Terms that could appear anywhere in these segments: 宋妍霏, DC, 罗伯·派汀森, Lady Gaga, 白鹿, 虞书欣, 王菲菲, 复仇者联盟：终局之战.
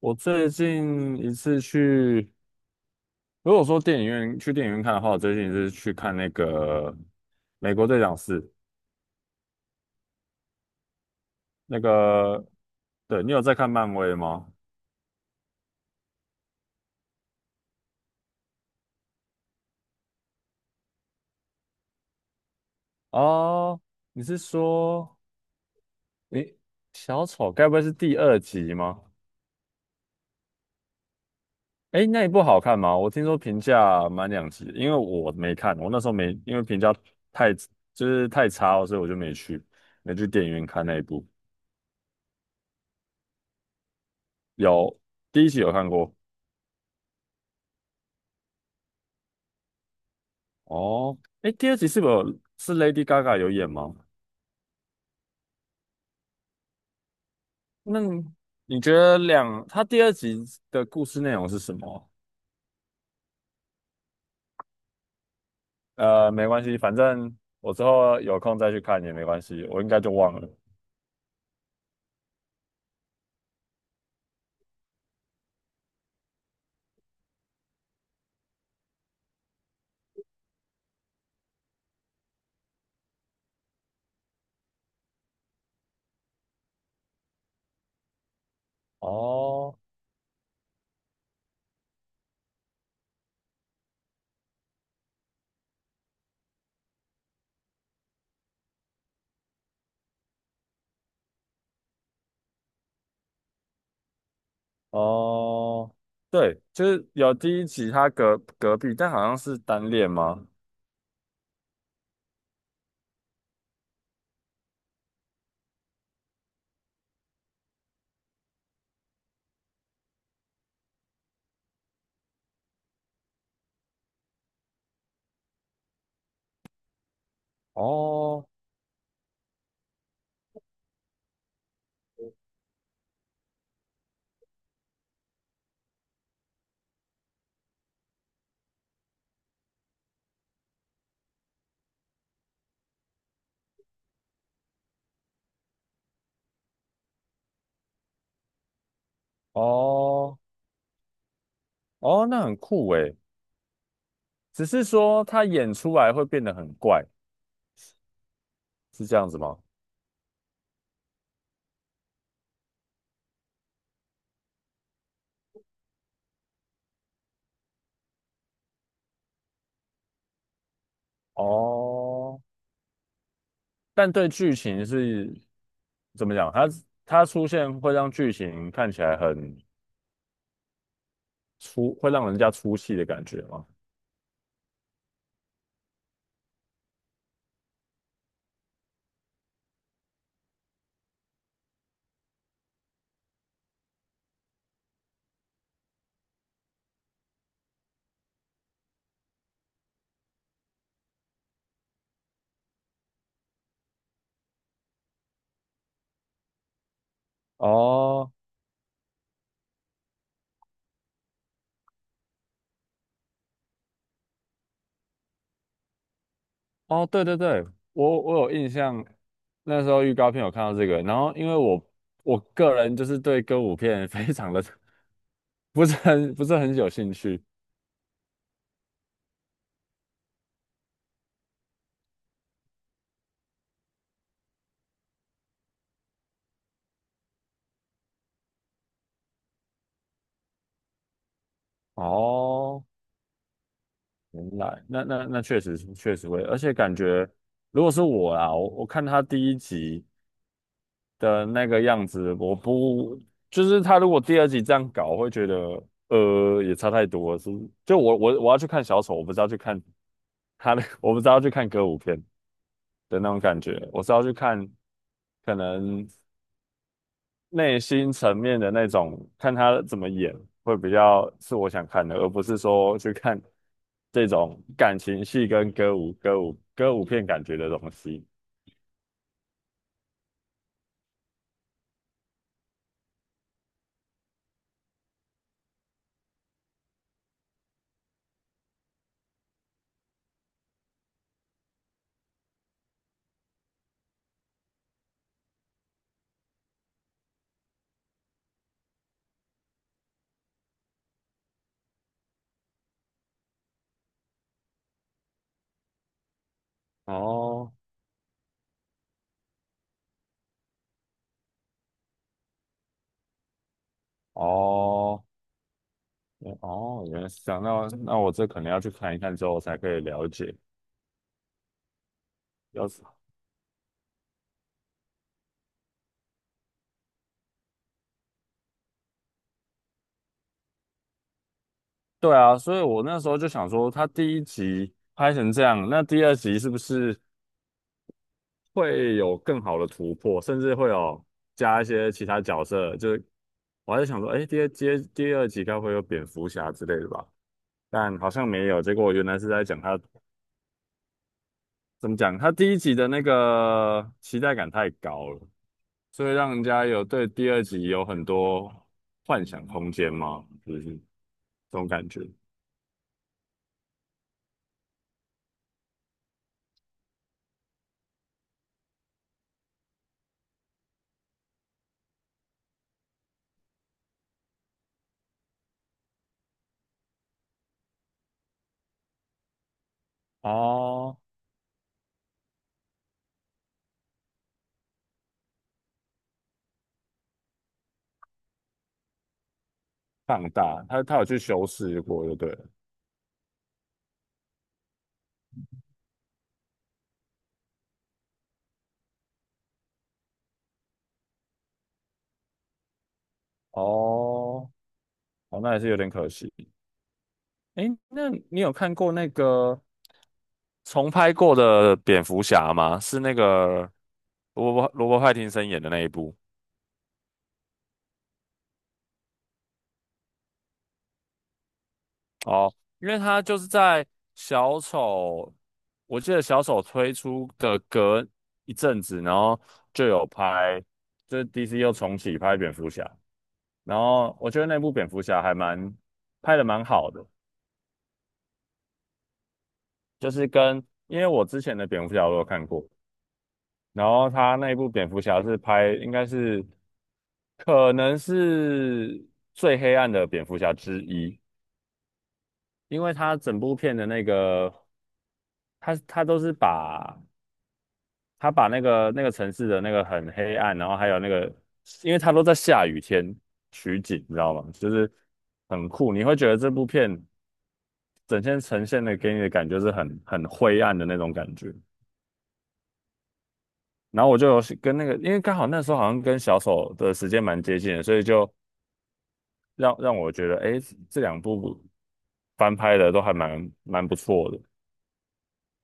我最近一次去，如果说电影院去电影院看的话，我最近一次去看那个《美国队长四》。那个，对，你有在看漫威吗？哦，你是说，诶，小丑该不会是第二集吗？诶，那一部好看吗？我听说评价蛮两极的，因为我没看，我那时候没，因为评价太，太差了，所以我就没去，没去电影院看那一部。有，第一集有看过。哦，哎，第二集是不是有是 Lady Gaga 有演吗？那你觉得两，他第二集的故事内容是什么？没关系，反正我之后有空再去看也没关系，我应该就忘了。哦哦，对，就是有第一集他隔壁，但好像是单恋吗？哦哦哦，那很酷诶，只是说他演出来会变得很怪，是这样子吗？哦，但对剧情是怎么讲？它出现会让剧情看起来很出，会让人家出戏的感觉吗？哦哦，对对对，我有印象，那时候预告片有看到这个，然后因为我个人就是对歌舞片 非常的 不是很，不是很有兴趣。哦，原来那确实是，确实会，而且感觉如果是我啊，我看他第一集的那个样子，我不，就是他如果第二集这样搞，我会觉得也差太多了，是就我要去看小丑，我不是要去看他的，我不是要去看歌舞片的那种感觉，我是要去看可能内心层面的那种，看他怎么演会比较是我想看的，而不是说去看这种感情戏跟歌舞片感觉的东西。哦哦，哦，原来是这样。那我这可能要去看一看之后才可以了解。要是对啊，所以我那时候就想说，他第一集拍成这样，那第二集是不是会有更好的突破，甚至会有加一些其他角色？就是我还在想说，哎，第二集该不会有蝙蝠侠之类的吧？但好像没有。结果原来是在讲他怎么讲，他第一集的那个期待感太高了，所以让人家有，对第二集有很多幻想空间吗？就是这种感觉。哦，放大，他有去修饰过就对了。哦，哦，那也是有点可惜。诶，那你有看过那个重拍过的蝙蝠侠吗？是那个罗伯派廷森演的那一部。哦，因为他就是在小丑，我记得小丑推出的隔一阵子，然后就有拍，就是 DC 又重启拍蝙蝠侠，然后我觉得那部蝙蝠侠还蛮，拍的蛮好的，就是跟，因为我之前的蝙蝠侠我有看过，然后他那部蝙蝠侠是拍应该是可能是最黑暗的蝙蝠侠之一，因为他整部片的那个，他都是把，他把那个城市的那个很黑暗，然后还有那个，因为他都在下雨天取景，你知道吗？就是很酷，你会觉得这部片整天呈现的给你的感觉是很灰暗的那种感觉。然后我就有跟那个，因为刚好那时候好像跟小丑的时间蛮接近的，所以就让我觉得，哎，这两部翻拍的都还蛮不错的，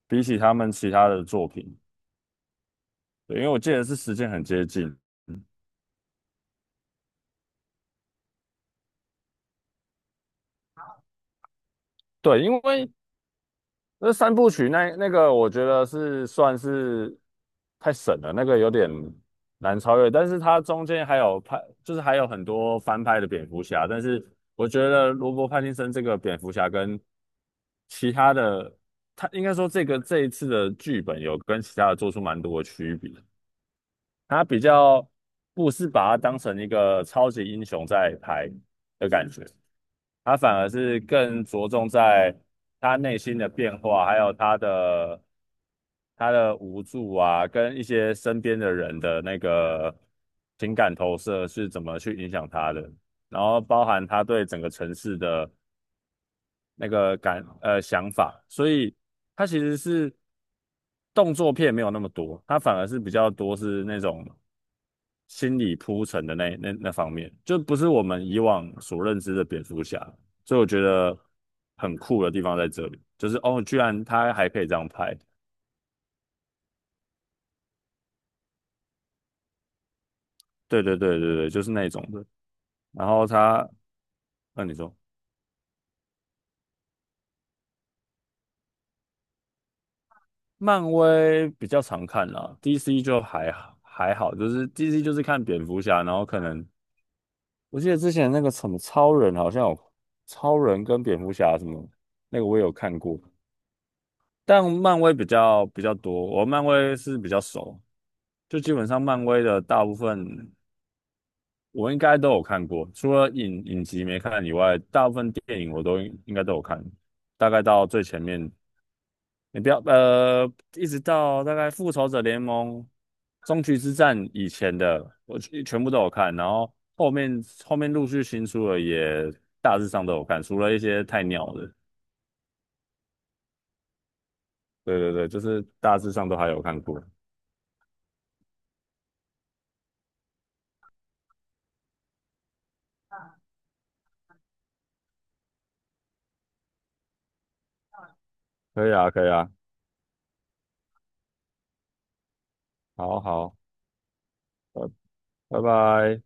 比起他们其他的作品，对，因为我记得是时间很接近。对，因为那三部曲那那个，我觉得是算是太神了，那个有点难超越。但是它中间还有拍，就是还有很多翻拍的蝙蝠侠。但是我觉得罗伯·派汀森这个蝙蝠侠跟其他的，他应该说这个这一次的剧本有跟其他的做出蛮多的区别。他比较不是把它当成一个超级英雄在拍的感觉。他反而是更着重在他内心的变化，还有他的，他的无助啊，跟一些身边的人的那个情感投射是怎么去影响他的，然后包含他对整个城市的那个感，想法，所以它其实是动作片没有那么多，它反而是比较多是那种心理铺陈的那方面，就不是我们以往所认知的蝙蝠侠，所以我觉得很酷的地方在这里，就是哦，居然他还可以这样拍，对，就是那种的。然后他，那你说，漫威比较常看啦，DC 就还好，就是 DC 就是看蝙蝠侠，然后可能。我记得之前那个什么超人好像有超人跟蝙蝠侠什么那个我也有看过，但漫威比较多，我漫威是比较熟，就基本上漫威的大部分我应该都有看过，除了影集没看以外，大部分电影我都应该都有看，大概到最前面你不要，一直到大概《复仇者联盟：终局之战》以前的，我全部都有看，然后后面陆续新出了，也大致上都有看，除了一些太鸟的。对对对，就是大致上都还有看过。可以啊，可以啊，好好，拜拜